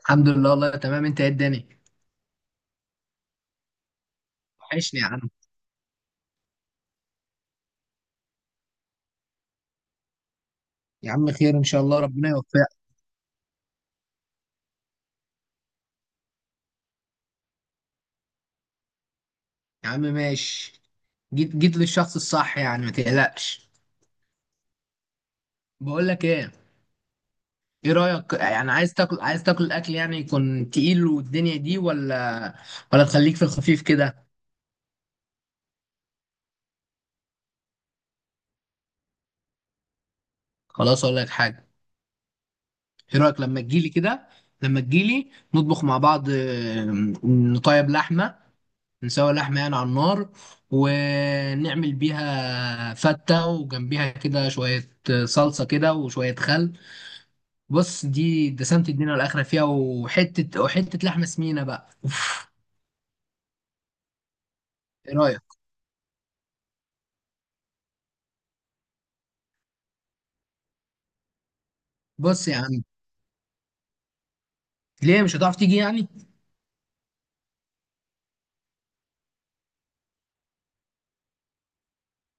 الحمد لله والله تمام. انت ايه الدنيا؟ وحشني يا عم. يا عم خير ان شاء الله ربنا يوفقك. يا عم ماشي. جيت للشخص الصح يعني ما تقلقش. بقول لك ايه، ايه رأيك يعني؟ عايز تاكل اكل يعني يكون تقيل والدنيا دي، ولا تخليك في الخفيف كده؟ خلاص اقول لك حاجة. ايه رأيك لما تجيلي كده، لما تجيلي نطبخ مع بعض، نطيب لحمة، نسوي لحمة يعني على النار، ونعمل بيها فتة، وجنبيها كده شوية صلصة كده وشوية خل. بص، دي دسمة الدنيا والآخرة فيها، وحتة وحتة لحمة سمينة بقى، أوف. إيه رأيك؟ بص يا عم، ليه مش هتعرف تيجي يعني؟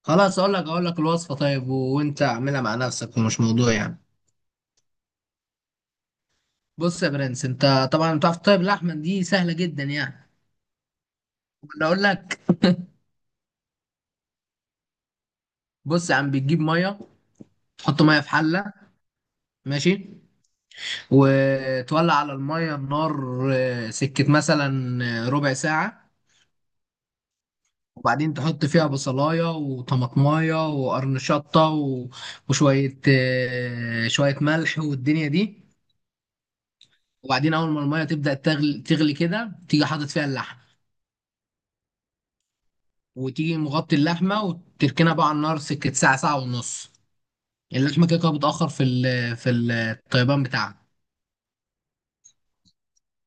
خلاص، أقول لك الوصفة، طيب وأنت أعملها مع نفسك ومش موضوع يعني. بص يا برنس، أنت طبعا بتعرف طيب اللحمة دي سهلة جدا يعني. أنا أقول لك. بص يا عم، بتجيب مية، تحط مية في حلة، ماشي، وتولع على المية النار، سكة مثلا ربع ساعة، وبعدين تحط فيها بصلاية وطماطماية وقرن شطة وشوية شوية ملح والدنيا دي. وبعدين أول ما المية تبدأ تغلي كده، تيجي حاطط فيها اللحمة، وتيجي مغطي اللحمة وتركنها بقى على النار سكة ساعة، ساعة ونص. اللحمة كده كده بتأخر في في الطيبان بتاعها.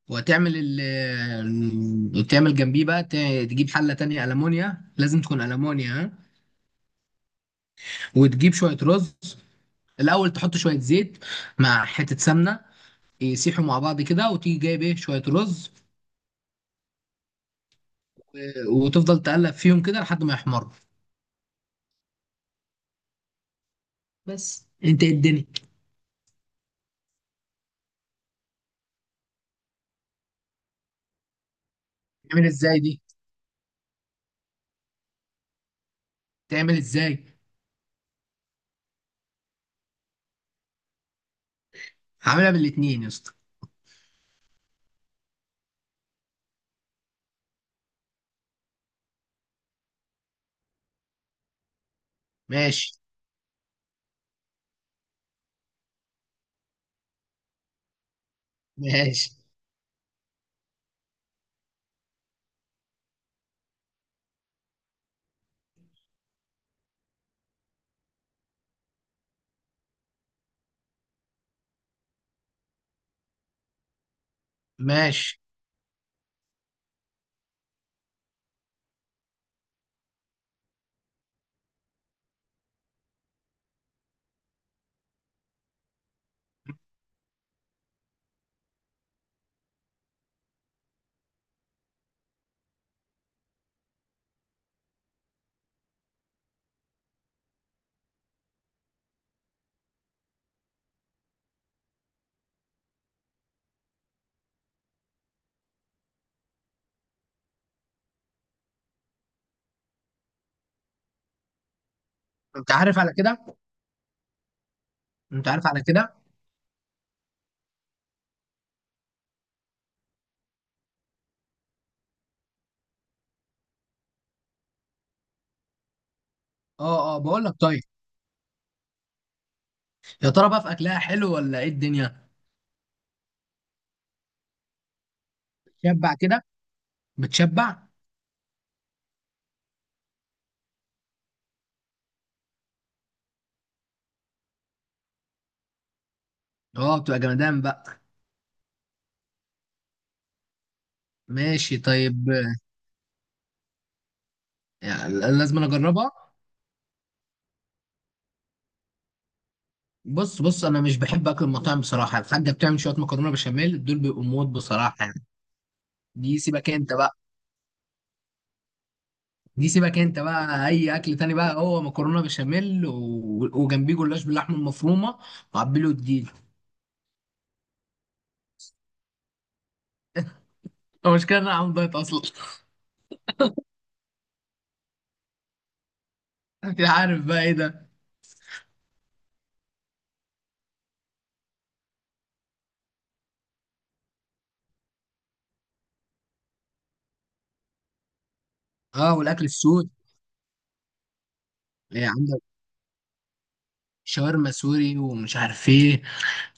وتعمل تعمل جنبيه بقى، تجيب حلة تانية ألمونيا، لازم تكون ألمونيا، ها؟ وتجيب شوية رز. الأول تحط شوية زيت مع حتة سمنة، يسيحوا مع بعض كده، وتيجي جايب إيه، شوية رز، وتفضل تقلب فيهم كده لحد ما يحمروا. بس أنت إيه الدنيا! تعمل إزاي دي؟ تعمل إزاي؟ هعملها بالاتنين يا اسطى. ماشي، ماشي، ماشي. أنت عارف على كده. أنت عارف على كده. أه أه، بقول لك طيب، يا ترى بقى في أكلها حلو ولا إيه الدنيا؟ شبع كده؟ بتشبع. اه بتبقى جمدان بقى. ماشي طيب، يعني لازم أنا اجربها. بص بص، انا مش بحب اكل المطاعم بصراحه. الحاجه بتعمل شويه مكرونه بشاميل، دول بيبقوا موت بصراحه يعني. دي سيبك انت بقى. دي سيبك انت بقى. اي اكل تاني بقى هو مكرونه بشاميل وجنبيه جلاش باللحمه المفرومه وعبيله الديل. المشكله ان انا عامل دايت اصلا. انت عارف بقى ايه ده. اه والاكل السوري، يعني عندك شاورما سوري ومش عارف ايه.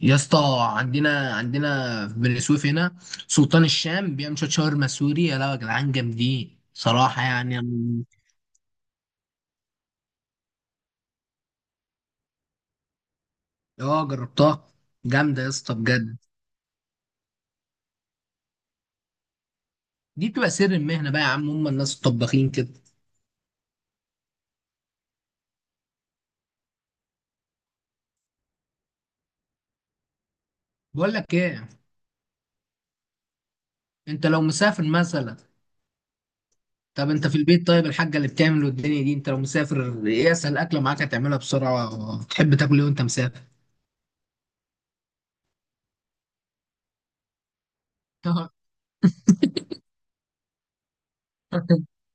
يا اسطى، عندنا، عندنا في بني سويف هنا سلطان الشام بيعمل شويه شاورما سوري، يا لا يا جدعان، جامدين صراحه يعني اه جربتها، جامده يا اسطى بجد. دي بتبقى سر المهنه بقى يا عم، هم الناس الطباخين كده. بقول لك ايه، انت لو مسافر مثلا، طب انت في البيت طيب، الحاجه اللي بتعمله الدنيا دي، انت لو مسافر ايه اسهل اكله معاك هتعملها بسرعه؟ تحب تاكل ايه وانت مسافر؟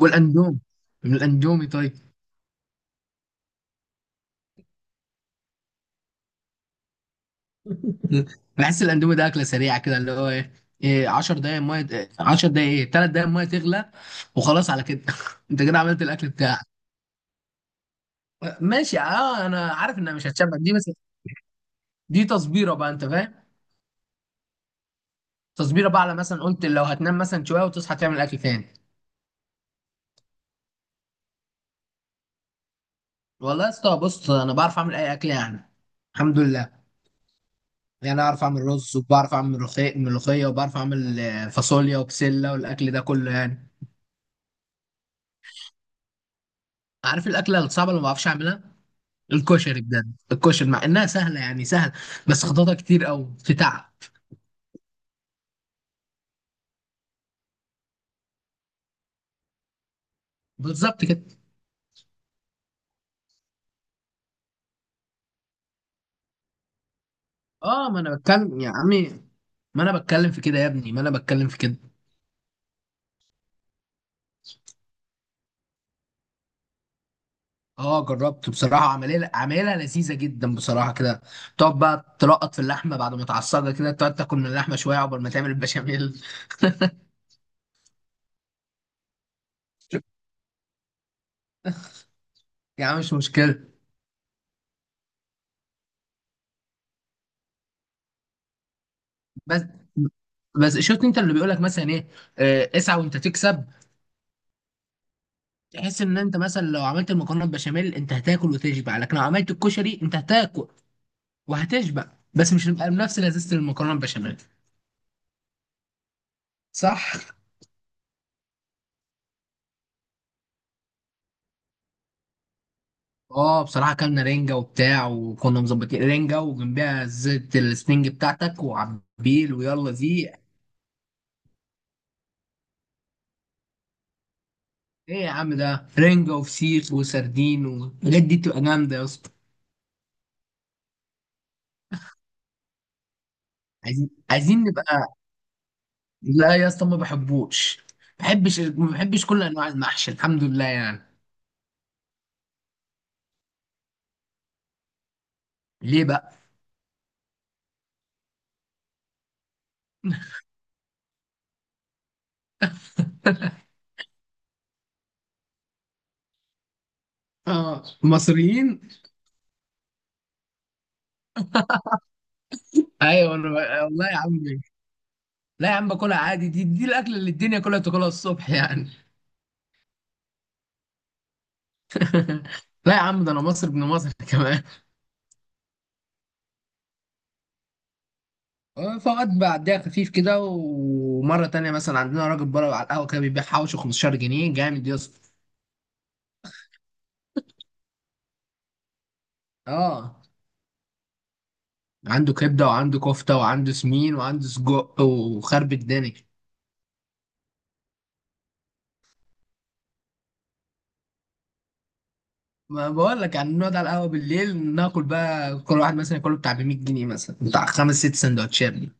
والاندومي، من الاندومي طيب. بحس الاندومي ده اكله سريعه كده، اللي هو ايه، 10 دقايق ميه، 10 دقايق، 3 دقايق ميه تغلى وخلاص على كده. انت كده عملت الاكل بتاعك. ماشي، اه انا عارف انها مش هتشبع دي، بس دي تصبيره بقى، انت فاهم، تصبيره بقى على مثلا، قلت لو هتنام مثلا شويه وتصحى تعمل اكل تاني. والله يا اسطى، بص انا بعرف اعمل اي اكل يعني، الحمد لله يعني. اعرف اعمل رز، وبعرف اعمل ملوخيه، وبعرف اعمل فاصوليا وبسله والاكل ده كله يعني. عارف الاكله الصعبه اللي ما بعرفش اعملها؟ الكشري بجد، الكشري مع انها سهله يعني سهل، بس خططها كتير او في تعب. بالظبط كده. اه ما انا بتكلم يا عمي، ما انا بتكلم في كده يا ابني، ما انا بتكلم في كده. اه جربت بصراحه، عمليه لذيذه جدا بصراحه كده. تقعد بقى تلقط في اللحمه بعد ما تعصجها كده، تقعد تاكل من اللحمه شويه عقبال ما تعمل البشاميل. يعني مش مشكله. بس، بس شفت انت اللي بيقول لك مثلا ايه، اسعى وانت تكسب. تحس ان انت مثلا لو عملت المكرونه بشاميل انت هتاكل وتشبع، لكن لو عملت الكشري انت هتاكل وهتشبع بس مش هنبقى بنفس لذيذة المكرونة البشاميل. صح. اه بصراحة كلنا رنجة وبتاع، وكنا مظبطين رنجة وجنبها زيت السنينج بتاعتك وعبيل ويلا زيق. ايه يا عم، ده رنجة وفسيخ وسردين والحاجات دي بتبقى جامدة يا اسطى. عايزين نبقى، لا يا اسطى ما بحبوش. ما بحبش كل انواع المحشي الحمد لله يعني. ليه بقى؟ اه مصريين. ايوه انا والله يا عم، لا يا عم باكلها عادي، دي، دي الاكله اللي الدنيا كلها بتاكلها الصبح يعني. لا يا عم، ده انا مصري ابن مصر كمان. فقط بعديها خفيف كده، ومره تانية مثلا عندنا راجل بره على القهوه كده بيبيع حوشه 15 جنيه، جامد يا اسطى. اه عنده كبده وعنده كفته وعنده سمين وعنده سجق وخرب الدنيا. ما بقول لك يعني نقعد على القهوه بالليل، ناكل بقى كل واحد مثلا ياكله بتاع ب 100 جنيه مثلا، بتاع خمس ست سندوتشات دي.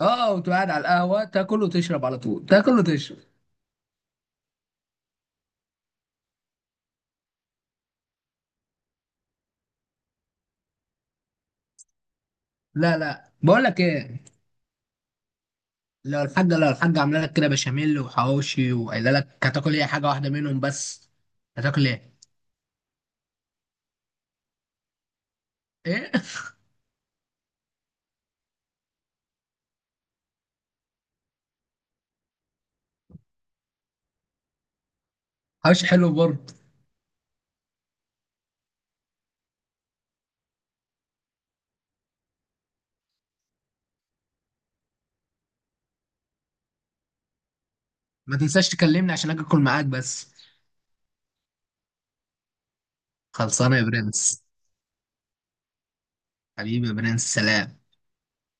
اه وتقعد على القهوه تاكل وتشرب، على طول تاكل وتشرب. لا لا، بقول لك ايه، لو الحاجة عاملة لك كده بشاميل وحواوشي وقايلة لك هتاكل ايه، حاجة واحدة منهم بس، هتاكل ايه؟ ايه؟ حواوشي حلو برضه. ما تنساش تكلمني عشان اجي اكل معاك بس. خلصانة يا برنس. حبيبي يا برنس، سلام.